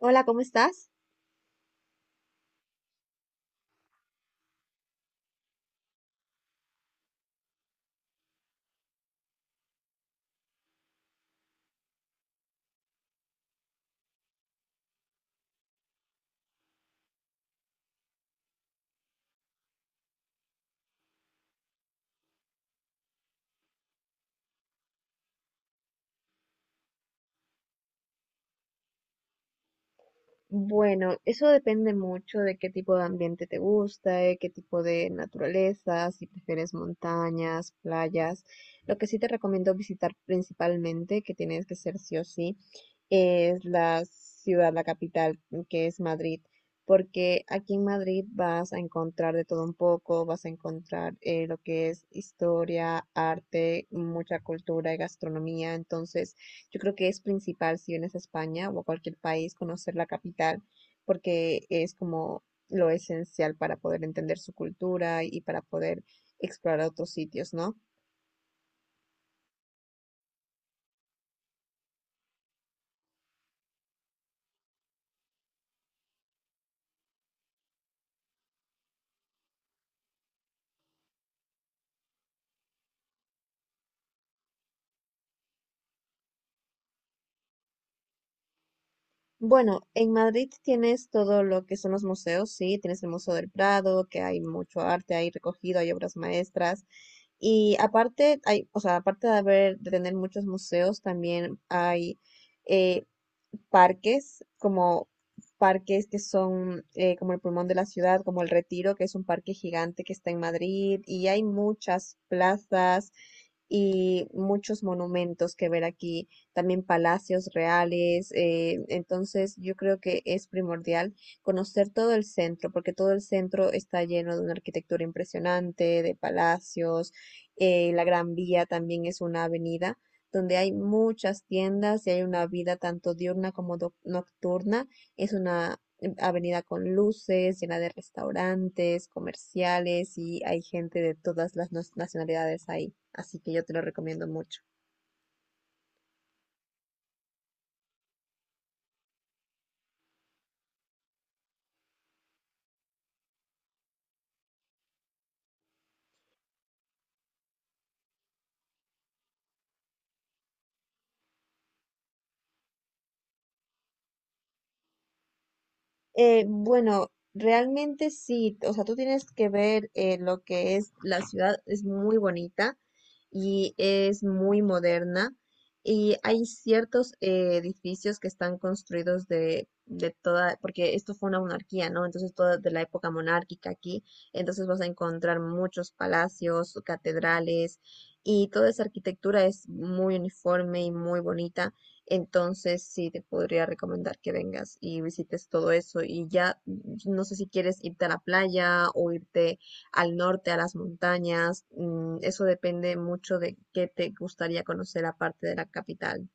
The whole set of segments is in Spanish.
Hola, ¿cómo estás? Bueno, eso depende mucho de qué tipo de ambiente te gusta, de qué tipo de naturaleza, si prefieres montañas, playas. Lo que sí te recomiendo visitar principalmente, que tienes que ser sí o sí, es la ciudad, la capital, que es Madrid, porque aquí en Madrid vas a encontrar de todo un poco, vas a encontrar lo que es historia, arte, mucha cultura y gastronomía, entonces yo creo que es principal si vienes a España o a cualquier país conocer la capital, porque es como lo esencial para poder entender su cultura y para poder explorar otros sitios, ¿no? Bueno, en Madrid tienes todo lo que son los museos, sí, tienes el Museo del Prado, que hay mucho arte ahí recogido, hay obras maestras. Y aparte, hay, o sea, aparte de haber, de tener muchos museos, también hay, eh, parques, como parques que son como el pulmón de la ciudad, como el Retiro, que es un parque gigante que está en Madrid, y hay muchas plazas y muchos monumentos que ver aquí, también palacios reales. Entonces yo creo que es primordial conocer todo el centro, porque todo el centro está lleno de una arquitectura impresionante, de palacios, la Gran Vía también es una avenida donde hay muchas tiendas y hay una vida tanto diurna como nocturna. Es una avenida con luces, llena de restaurantes, comerciales y hay gente de todas las nacionalidades ahí. Así que yo te lo recomiendo mucho. Bueno, realmente sí, o sea, tú tienes que ver lo que es la ciudad, es muy bonita y es muy moderna y hay ciertos edificios que están construidos de toda, porque esto fue una monarquía, ¿no? Entonces toda de la época monárquica aquí, entonces vas a encontrar muchos palacios, catedrales y toda esa arquitectura es muy uniforme y muy bonita. Entonces, sí, te podría recomendar que vengas y visites todo eso. Y ya, no sé si quieres irte a la playa o irte al norte, a las montañas. Eso depende mucho de qué te gustaría conocer aparte de la capital.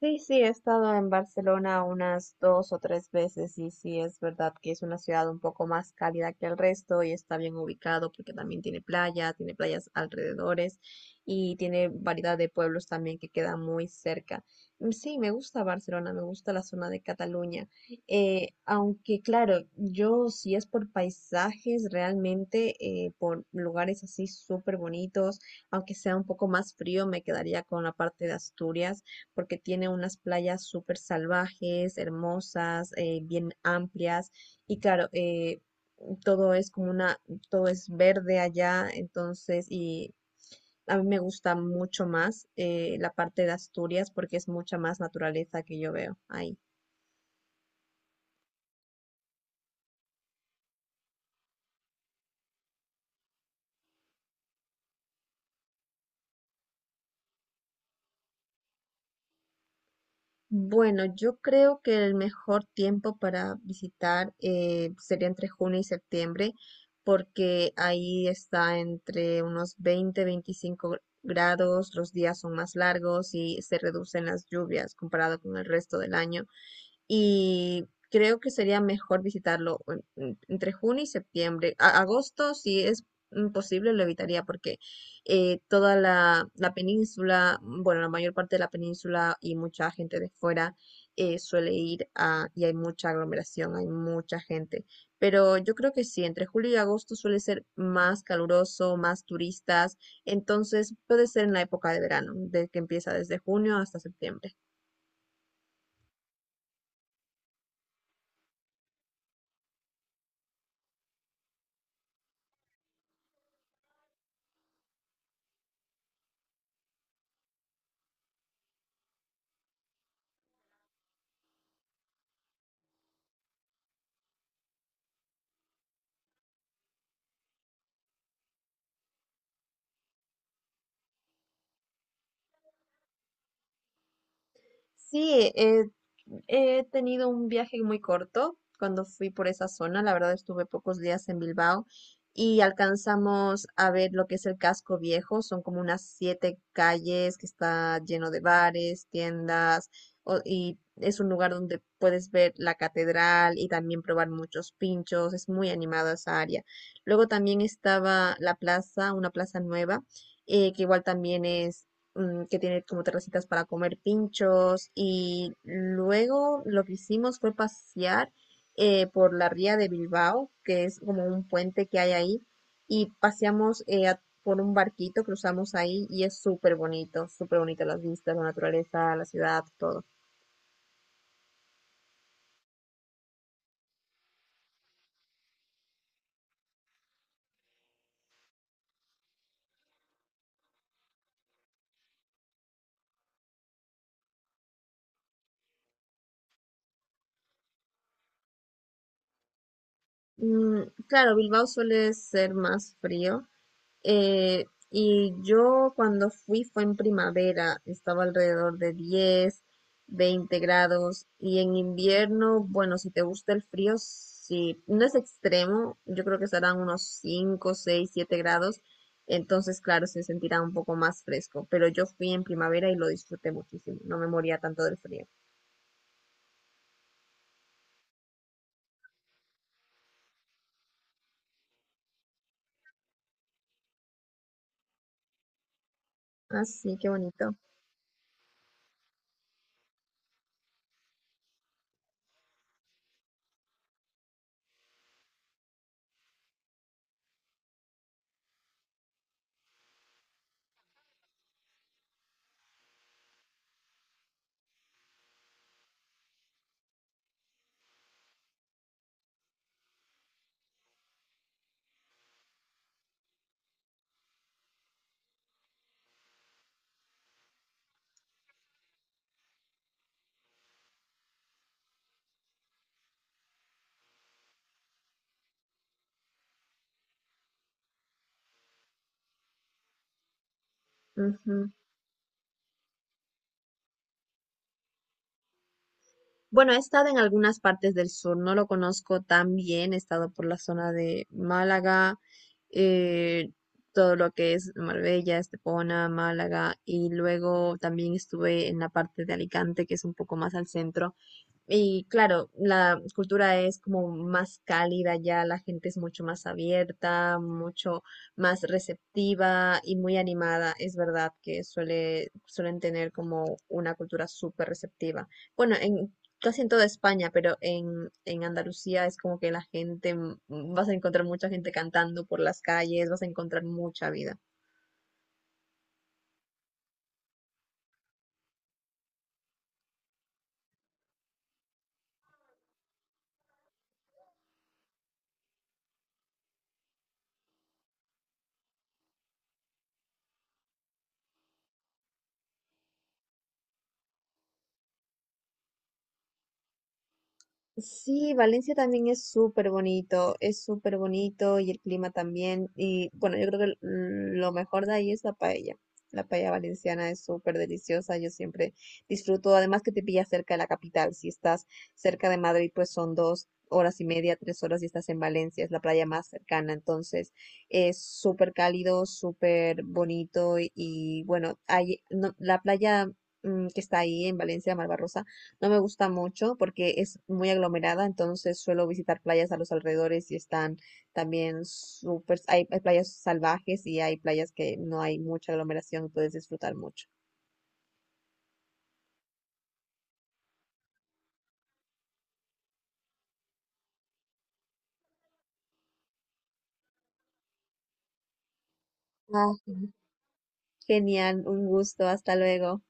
Sí, sí, he estado en Barcelona unas dos o tres veces y sí es verdad que es una ciudad un poco más cálida que el resto y está bien ubicado porque también tiene playa, tiene playas alrededores y tiene variedad de pueblos también que quedan muy cerca. Mm, sí, me gusta Barcelona, me gusta la zona de Cataluña. Aunque claro, yo si es por paisajes realmente, por lugares así súper bonitos, aunque sea un poco más frío, me quedaría con la parte de Asturias porque tiene unas playas súper salvajes, hermosas, bien amplias y claro, todo es como una, todo es verde allá, entonces y a mí me gusta mucho más la parte de Asturias porque es mucha más naturaleza que yo veo ahí. Bueno, yo creo que el mejor tiempo para visitar sería entre junio y septiembre, porque ahí está entre unos 20, 25 grados, los días son más largos y se reducen las lluvias comparado con el resto del año y creo que sería mejor visitarlo entre junio y septiembre. Agosto, si es posible, lo evitaría porque toda la península, bueno, la mayor parte de la península y mucha gente de fuera suele ir a, y hay mucha aglomeración, hay mucha gente. Pero yo creo que sí, entre julio y agosto suele ser más caluroso, más turistas, entonces puede ser en la época de verano, de que empieza desde junio hasta septiembre. Sí, he tenido un viaje muy corto cuando fui por esa zona. La verdad estuve pocos días en Bilbao y alcanzamos a ver lo que es el casco viejo. Son como unas siete calles que está lleno de bares, tiendas y es un lugar donde puedes ver la catedral y también probar muchos pinchos. Es muy animado esa área. Luego también estaba la plaza, una plaza nueva. Que igual también es que tiene como terracitas para comer pinchos y luego lo que hicimos fue pasear por la ría de Bilbao, que es como un puente que hay ahí, y paseamos por un barquito, cruzamos ahí y es súper bonito las vistas, la naturaleza, la ciudad, todo. Mm, claro, Bilbao suele ser más frío. Eh, y yo cuando fui fue en primavera, estaba alrededor de 10 20 grados y en invierno, bueno, si te gusta el frío, sí, no es extremo, yo creo que estarán unos 5 6 7 grados, entonces claro, se sentirá un poco más fresco, pero yo fui en primavera y lo disfruté muchísimo, no me moría tanto del frío. Así, qué bonito. Ujú. Bueno, he estado en algunas partes del sur, no lo conozco tan bien, he estado por la zona de Málaga, eh, todo lo que es Marbella, Estepona, Málaga, y luego también estuve en la parte de Alicante, que es un poco más al centro. Y claro, la cultura es como más cálida ya, la gente es mucho más abierta, mucho más receptiva y muy animada. Es verdad que suele, suelen tener como una cultura súper receptiva. Bueno, en casi en toda España, pero en Andalucía es como que la gente, vas a encontrar mucha gente cantando por las calles, vas a encontrar mucha vida. Sí, Valencia también es súper bonito y el clima también. Y bueno, yo creo que lo mejor de ahí es la paella. La paella valenciana es súper deliciosa, yo siempre disfruto. Además que te pilla cerca de la capital. Si estás cerca de Madrid, pues son 2 horas y media, 3 horas y estás en Valencia, es la playa más cercana. Entonces es súper cálido, súper bonito y bueno, hay, no- la playa que está ahí en Valencia, Malvarrosa no me gusta mucho porque es muy aglomerada, entonces suelo visitar playas a los alrededores y están también súper, hay playas salvajes y hay playas que no hay mucha aglomeración, puedes disfrutar mucho. Ah, genial, un gusto, hasta luego.